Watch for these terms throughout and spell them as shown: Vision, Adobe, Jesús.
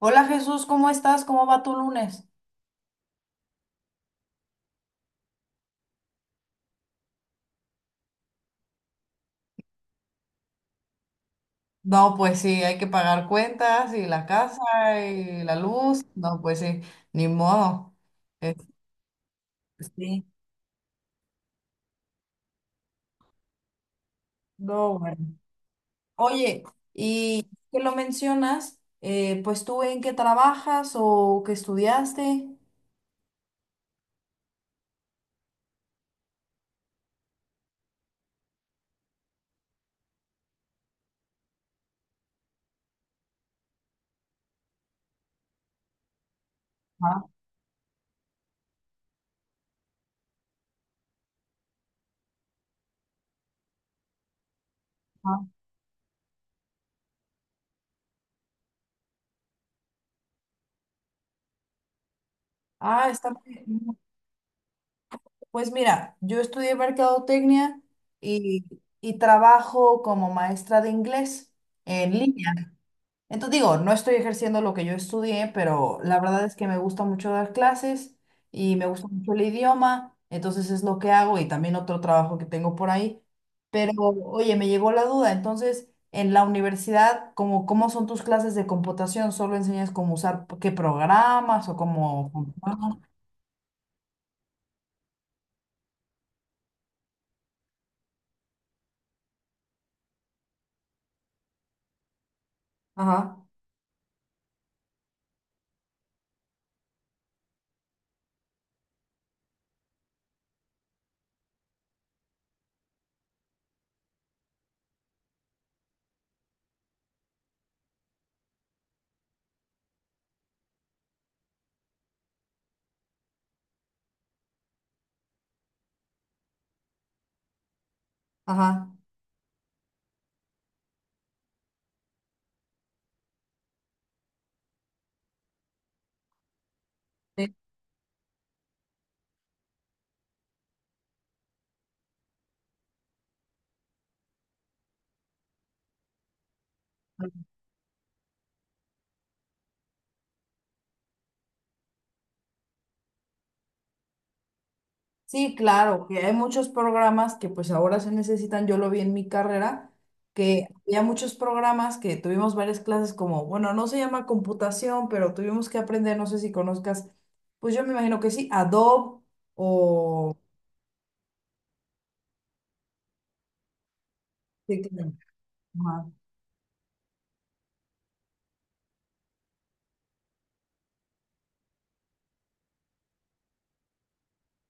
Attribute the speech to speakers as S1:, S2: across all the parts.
S1: Hola Jesús, ¿cómo estás? ¿Cómo va tu lunes? No, pues sí, hay que pagar cuentas y la casa y la luz. No, pues sí, ni modo. Es- Sí, no, bueno. Oye, y que lo mencionas, pues tú en qué trabajas o qué estudiaste. Ah, ah. Ah, está muy bien. Pues mira, yo estudié mercadotecnia y, y trabajo como maestra de inglés en línea. Entonces digo, no estoy ejerciendo lo que yo estudié, pero la verdad es que me gusta mucho dar clases y me gusta mucho el idioma, entonces es lo que hago y también otro trabajo que tengo por ahí. Pero oye, me llegó la duda, entonces en la universidad, ¿cómo son tus clases de computación? ¿Solo enseñas cómo usar qué programas o cómo... Ajá, ajá. Sí. Sí, claro, que hay muchos programas que pues ahora se necesitan, yo lo vi en mi carrera, que había muchos programas que tuvimos varias clases como, bueno, no se llama computación, pero tuvimos que aprender, no sé si conozcas, pues yo me imagino que sí, Adobe o... Sí, claro. Ajá,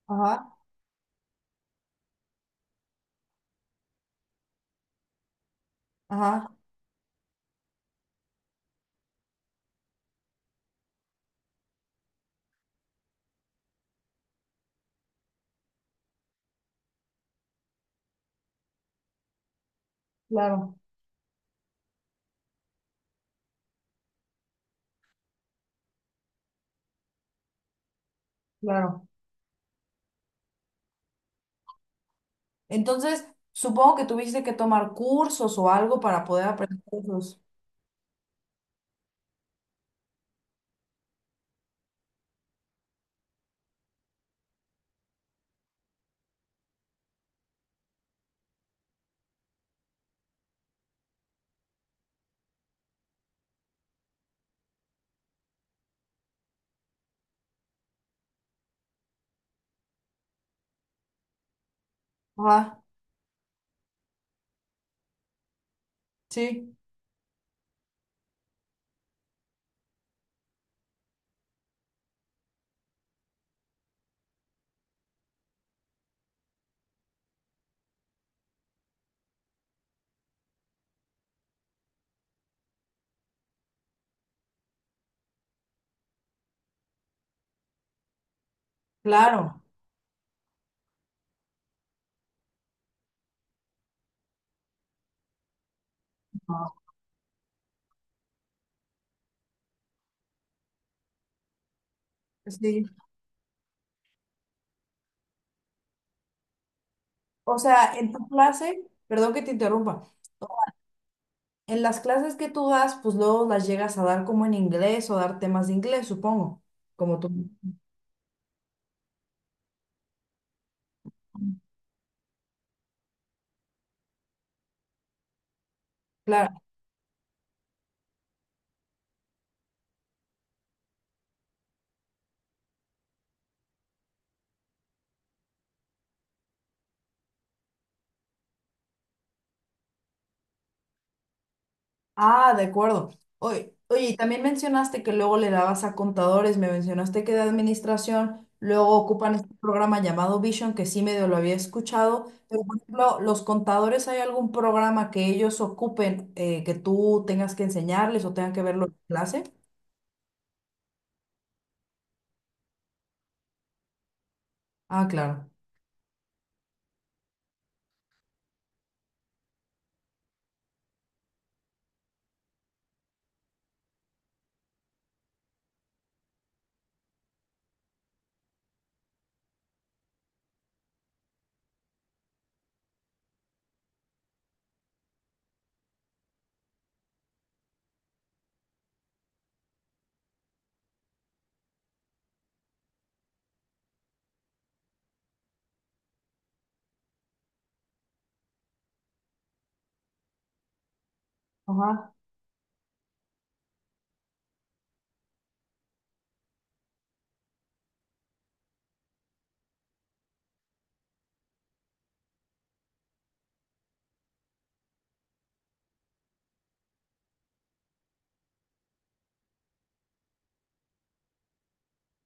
S1: ajá, ajá, claro, claro. Entonces, supongo que tuviste que tomar cursos o algo para poder aprender esos. Ajá, sí, claro. Ajá, sí. O sea, en tu clase, perdón que te interrumpa, en las clases que tú das, pues luego las llegas a dar como en inglés o dar temas de inglés, supongo, como tú. Claro. Ah, de acuerdo. Oye, oye, y también mencionaste que luego le dabas a contadores, me mencionaste que de administración, luego ocupan este programa llamado Vision, que sí medio lo había escuchado, pero por ejemplo, los contadores, ¿hay algún programa que ellos ocupen que tú tengas que enseñarles o tengan que verlo en clase? Ah, claro. Ajá.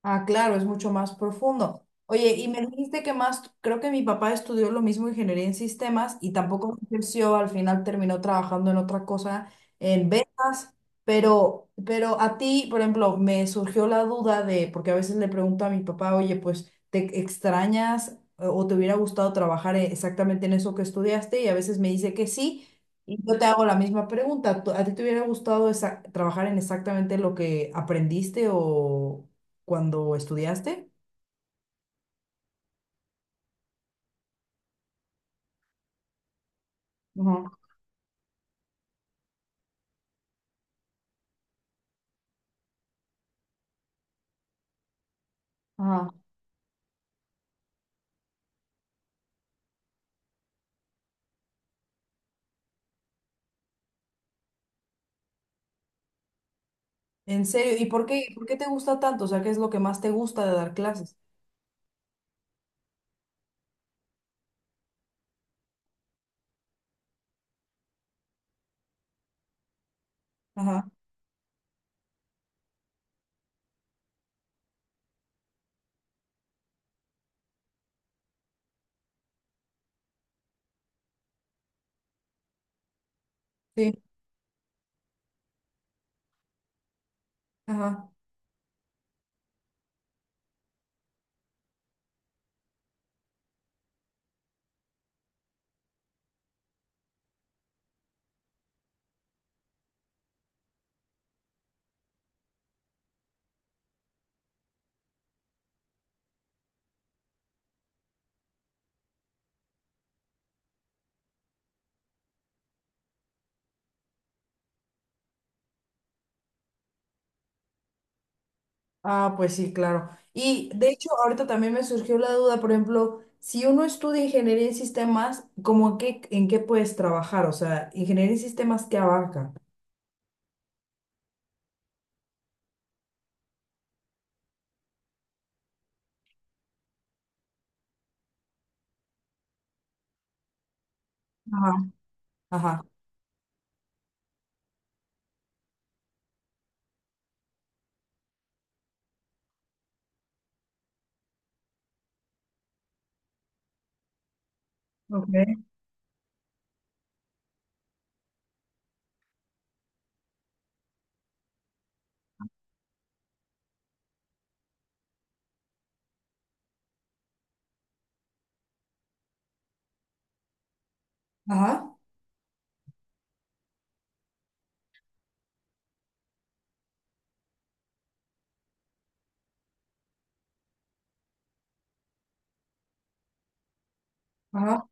S1: Ah, claro, es mucho más profundo. Oye, y me dijiste que más, creo que mi papá estudió lo mismo, ingeniería en sistemas, y tampoco ejerció, al final terminó trabajando en otra cosa, en ventas, pero a ti, por ejemplo, me surgió la duda de, porque a veces le pregunto a mi papá, oye, pues, ¿te extrañas o te hubiera gustado trabajar exactamente en eso que estudiaste? Y a veces me dice que sí, y yo te hago la misma pregunta, ¿tú- ¿a ti te hubiera gustado esa- trabajar en exactamente lo que aprendiste o cuando estudiaste? Ujú, ajá. ¿En serio? ¿Y por qué te gusta tanto? O sea, ¿qué es lo que más te gusta de dar clases? Ajá, sí, ajá. Ah, pues sí, claro. Y de hecho, ahorita también me surgió la duda, por ejemplo, si uno estudia ingeniería en sistemas, ¿cómo qué, en qué puedes trabajar? O sea, ingeniería en sistemas, ¿qué abarca? Ajá. Ajá, ok, ajá, ajá,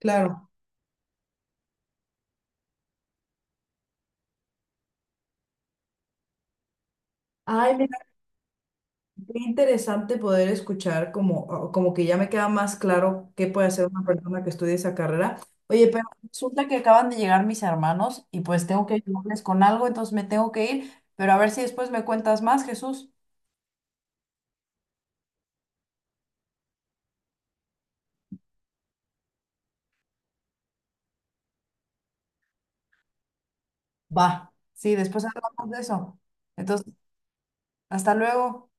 S1: claro. Ay, me... Qué interesante poder escuchar como, o- como que ya me queda más claro qué puede hacer una persona que estudie esa carrera. Oye, pero resulta que acaban de llegar mis hermanos y pues tengo que ayudarles con algo, entonces me tengo que ir, pero a ver si después me cuentas más, Jesús. Va, sí, después hablamos de eso. Entonces, hasta luego.